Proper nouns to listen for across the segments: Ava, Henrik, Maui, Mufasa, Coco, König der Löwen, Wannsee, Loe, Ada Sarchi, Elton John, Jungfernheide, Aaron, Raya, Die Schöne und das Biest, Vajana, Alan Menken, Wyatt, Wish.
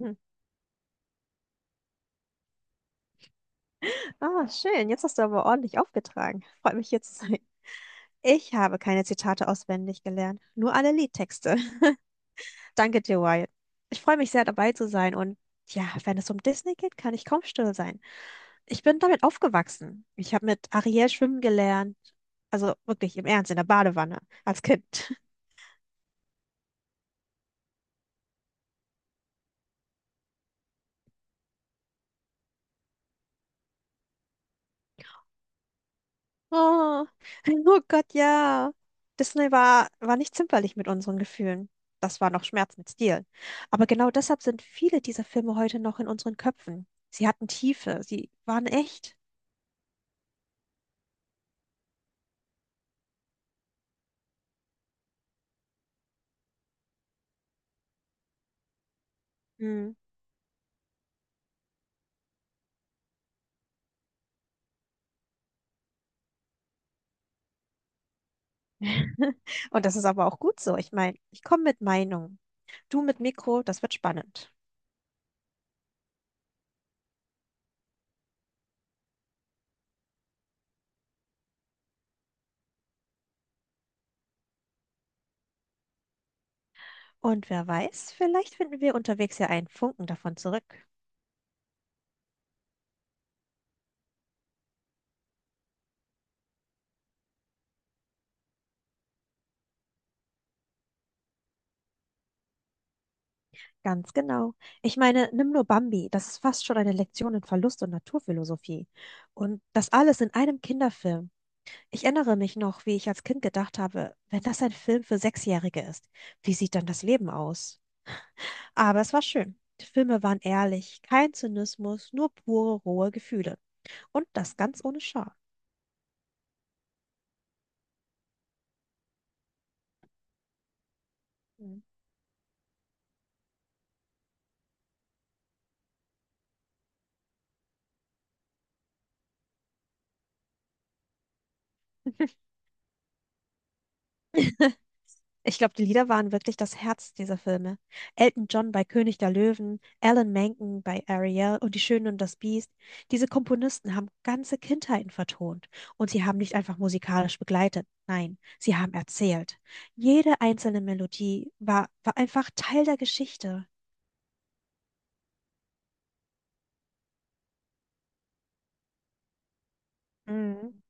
Hm. Ah, schön. Jetzt hast du aber ordentlich aufgetragen. Freut mich hier zu sein. Ich habe keine Zitate auswendig gelernt, nur alle Liedtexte. Danke dir, Wyatt. Ich freue mich sehr, dabei zu sein. Und ja, wenn es um Disney geht, kann ich kaum still sein. Ich bin damit aufgewachsen. Ich habe mit Ariel schwimmen gelernt. Also wirklich im Ernst, in der Badewanne als Kind. Oh, oh Gott, ja. Disney war nicht zimperlich mit unseren Gefühlen. Das war noch Schmerz mit Stil. Aber genau deshalb sind viele dieser Filme heute noch in unseren Köpfen. Sie hatten Tiefe, sie waren echt. Hm. Und das ist aber auch gut so. Ich meine, ich komme mit Meinung. Du mit Mikro, das wird spannend. Und wer weiß, vielleicht finden wir unterwegs ja einen Funken davon zurück. Ganz genau. Ich meine, nimm nur Bambi, das ist fast schon eine Lektion in Verlust und Naturphilosophie. Und das alles in einem Kinderfilm. Ich erinnere mich noch, wie ich als Kind gedacht habe, wenn das ein Film für Sechsjährige ist, wie sieht dann das Leben aus? Aber es war schön. Die Filme waren ehrlich, kein Zynismus, nur pure, rohe Gefühle. Und das ganz ohne Scham. Hm. Ich glaube, die Lieder waren wirklich das Herz dieser Filme. Elton John bei König der Löwen, Alan Menken bei Ariel und Die Schöne und das Biest. Diese Komponisten haben ganze Kindheiten vertont und sie haben nicht einfach musikalisch begleitet, nein, sie haben erzählt. Jede einzelne Melodie war einfach Teil der Geschichte. Mhm.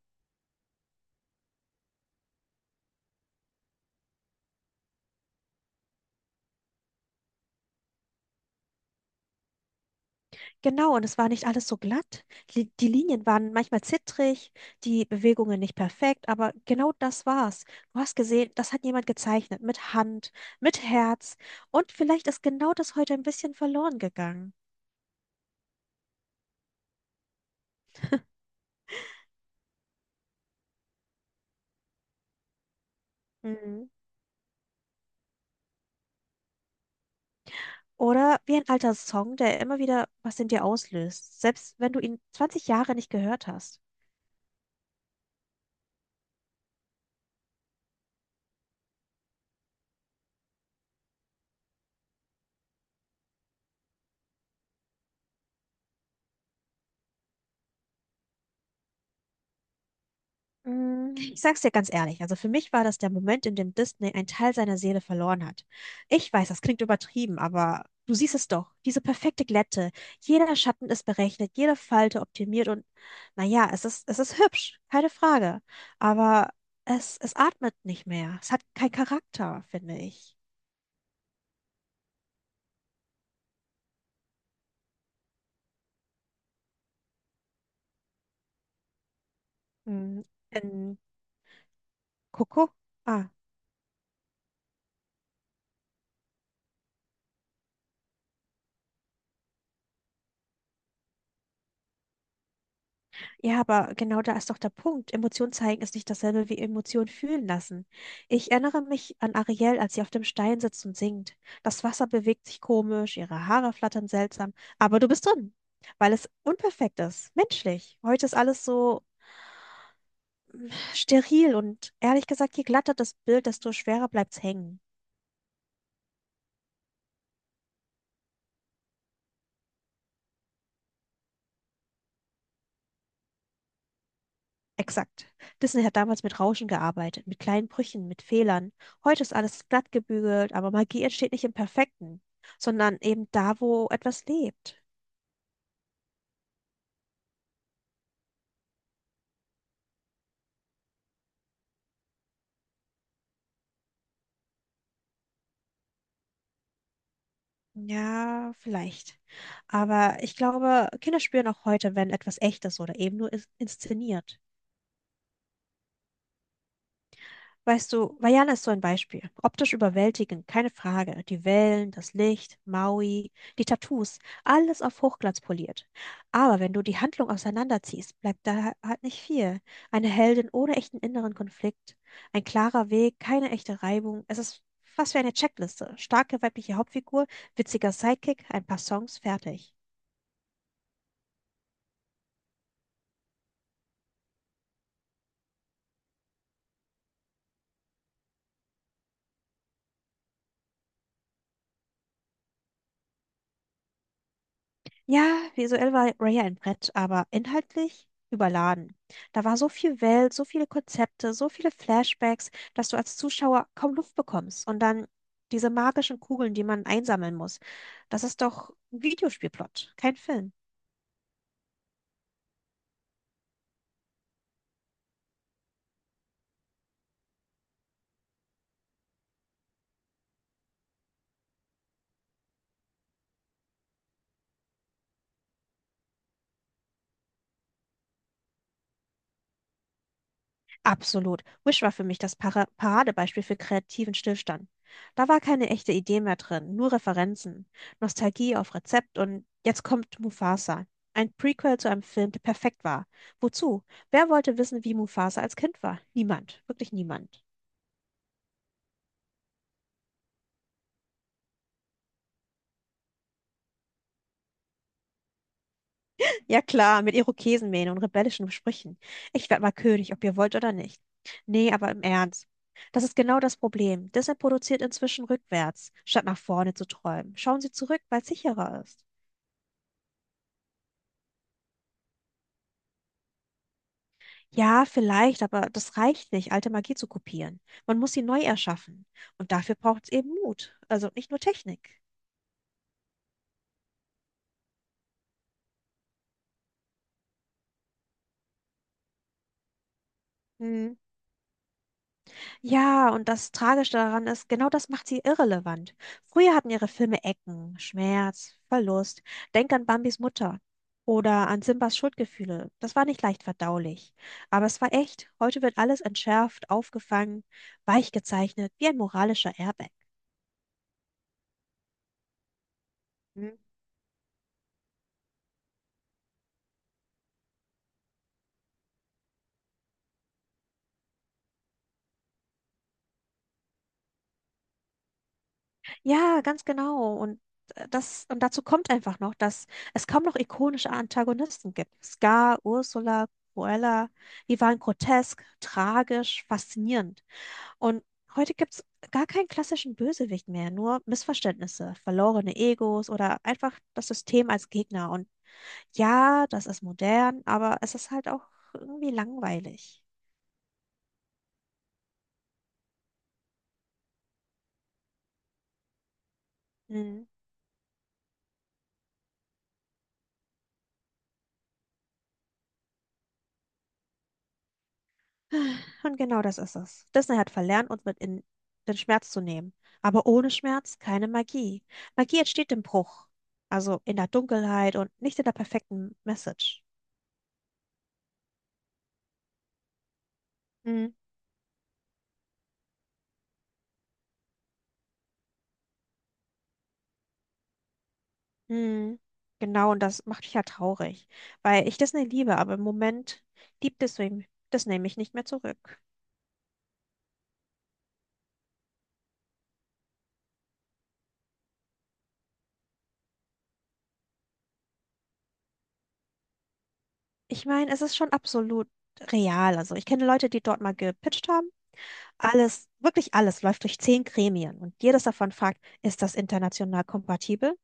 Genau, und es war nicht alles so glatt. Die Linien waren manchmal zittrig, die Bewegungen nicht perfekt, aber genau das war's. Du hast gesehen, das hat jemand gezeichnet, mit Hand, mit Herz. Und vielleicht ist genau das heute ein bisschen verloren gegangen. Mhm. Oder wie ein alter Song, der immer wieder was in dir auslöst, selbst wenn du ihn 20 Jahre nicht gehört hast. Ich sag's dir ganz ehrlich, also für mich war das der Moment, in dem Disney einen Teil seiner Seele verloren hat. Ich weiß, das klingt übertrieben, aber du siehst es doch, diese perfekte Glätte. Jeder Schatten ist berechnet, jede Falte optimiert und naja, es ist hübsch, keine Frage. Aber es atmet nicht mehr. Es hat keinen Charakter, finde ich. Mm, In Coco? Ah. Ja, aber genau da ist doch der Punkt. Emotion zeigen ist nicht dasselbe wie Emotion fühlen lassen. Ich erinnere mich an Ariel, als sie auf dem Stein sitzt und singt. Das Wasser bewegt sich komisch, ihre Haare flattern seltsam, aber du bist drin, weil es unperfekt ist, menschlich. Heute ist alles so steril und ehrlich gesagt, je glatter das Bild, desto schwerer bleibt's hängen. Exakt. Disney hat damals mit Rauschen gearbeitet, mit kleinen Brüchen, mit Fehlern. Heute ist alles glatt gebügelt, aber Magie entsteht nicht im Perfekten, sondern eben da, wo etwas lebt. Ja, vielleicht. Aber ich glaube, Kinder spüren auch heute, wenn etwas echt ist oder eben nur inszeniert. Weißt du, Vajana ist so ein Beispiel. Optisch überwältigend, keine Frage. Die Wellen, das Licht, Maui, die Tattoos, alles auf Hochglanz poliert. Aber wenn du die Handlung auseinanderziehst, bleibt da halt nicht viel. Eine Heldin ohne echten inneren Konflikt, ein klarer Weg, keine echte Reibung. Es ist fast wie eine Checkliste. Starke weibliche Hauptfigur, witziger Sidekick, ein paar Songs, fertig. Ja, visuell war Raya ein Brett, aber inhaltlich überladen. Da war so viel Welt, so viele Konzepte, so viele Flashbacks, dass du als Zuschauer kaum Luft bekommst. Und dann diese magischen Kugeln, die man einsammeln muss. Das ist doch ein Videospielplot, kein Film. Absolut. Wish war für mich das Paradebeispiel für kreativen Stillstand. Da war keine echte Idee mehr drin, nur Referenzen, Nostalgie auf Rezept und jetzt kommt Mufasa. Ein Prequel zu einem Film, der perfekt war. Wozu? Wer wollte wissen, wie Mufasa als Kind war? Niemand. Wirklich niemand. Ja klar, mit Irokesenmähne und rebellischen Sprüchen. Ich werd mal König, ob ihr wollt oder nicht. Nee, aber im Ernst. Das ist genau das Problem. Disney produziert inzwischen rückwärts, statt nach vorne zu träumen. Schauen Sie zurück, weil es sicherer ist. Ja, vielleicht, aber das reicht nicht, alte Magie zu kopieren. Man muss sie neu erschaffen. Und dafür braucht es eben Mut. Also nicht nur Technik. Hm. Ja, und das Tragische daran ist, genau das macht sie irrelevant. Früher hatten ihre Filme Ecken, Schmerz, Verlust. Denk an Bambis Mutter oder an Simbas Schuldgefühle. Das war nicht leicht verdaulich. Aber es war echt. Heute wird alles entschärft, aufgefangen, weich gezeichnet, wie ein moralischer Airbag. Ja, ganz genau. Und dazu kommt einfach noch, dass es kaum noch ikonische Antagonisten gibt. Scar, Ursula, Cruella, die waren grotesk, tragisch, faszinierend. Und heute gibt es gar keinen klassischen Bösewicht mehr, nur Missverständnisse, verlorene Egos oder einfach das System als Gegner. Und ja, das ist modern, aber es ist halt auch irgendwie langweilig. Mhm. Und genau das ist es. Disney hat verlernt, uns mit in den Schmerz zu nehmen. Aber ohne Schmerz keine Magie. Magie entsteht im Bruch. Also in der Dunkelheit und nicht in der perfekten Message. Hm, hm. Genau, und das macht mich ja traurig. Weil ich Disney liebe, aber im Moment liebt Disney mich nicht mehr zurück. Ich meine, es ist schon absolut real. Also ich kenne Leute, die dort mal gepitcht haben. Alles, wirklich alles läuft durch 10 Gremien. Und jedes davon fragt, ist das international kompatibel?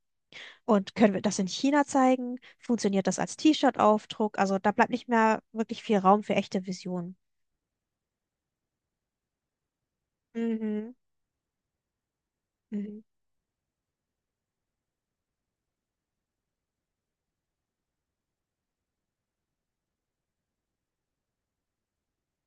Und können wir das in China zeigen? Funktioniert das als T-Shirt-Aufdruck? Also da bleibt nicht mehr wirklich viel Raum für echte Visionen. Mhm. Mhm.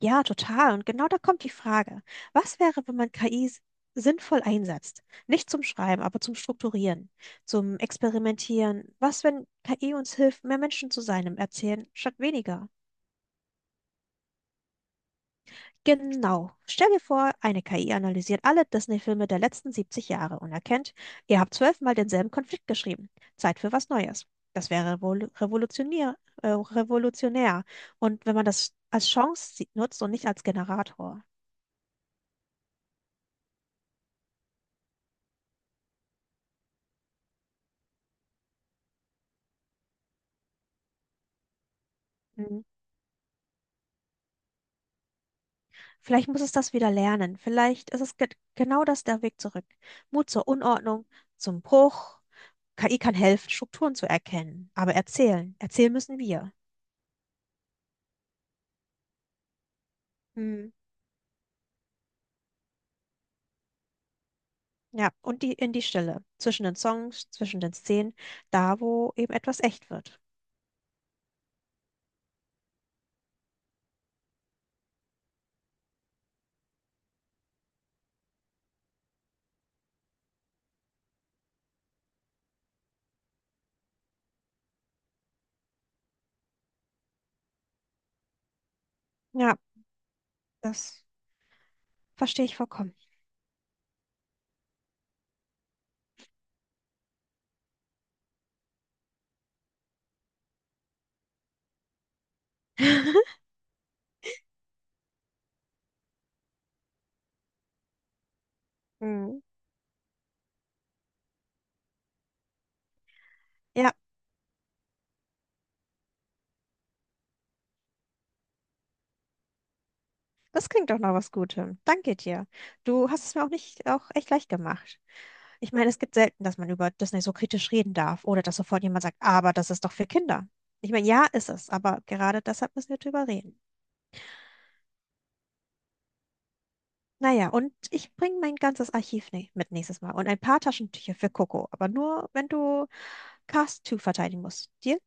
Ja, total. Und genau da kommt die Frage. Was wäre, wenn man KI sinnvoll einsetzt? Nicht zum Schreiben, aber zum Strukturieren, zum Experimentieren. Was, wenn KI uns hilft, mehr Menschen zu sein im Erzählen statt weniger? Genau. Stell dir vor, eine KI analysiert alle Disney-Filme der letzten 70 Jahre und erkennt, ihr habt zwölfmal denselben Konflikt geschrieben. Zeit für was Neues. Das wäre revolutionär, äh, revolutionär. Und wenn man das als Chance nutzt und nicht als Generator. Mhm. Vielleicht muss es das wieder lernen. Vielleicht ist es ge genau das der Weg zurück. Mut zur Unordnung, zum Bruch. KI kann helfen, Strukturen zu erkennen. Aber erzählen, erzählen müssen wir. Ja, und die in die Stille, zwischen den Songs, zwischen den Szenen, da wo eben etwas echt wird. Ja, das verstehe ich vollkommen. Hm. Ja, das klingt doch nach was Gutem. Danke dir. Du hast es mir auch nicht auch echt leicht gemacht. Ich meine, es gibt selten, dass man über Disney so kritisch reden darf oder dass sofort jemand sagt, aber das ist doch für Kinder. Ich meine, ja, ist es, aber gerade deshalb müssen wir drüber reden. Naja, und ich bringe mein ganzes Archiv ne mit nächstes Mal und ein paar Taschentücher für Coco, aber nur, wenn du Cast 2 verteidigen musst. Deal?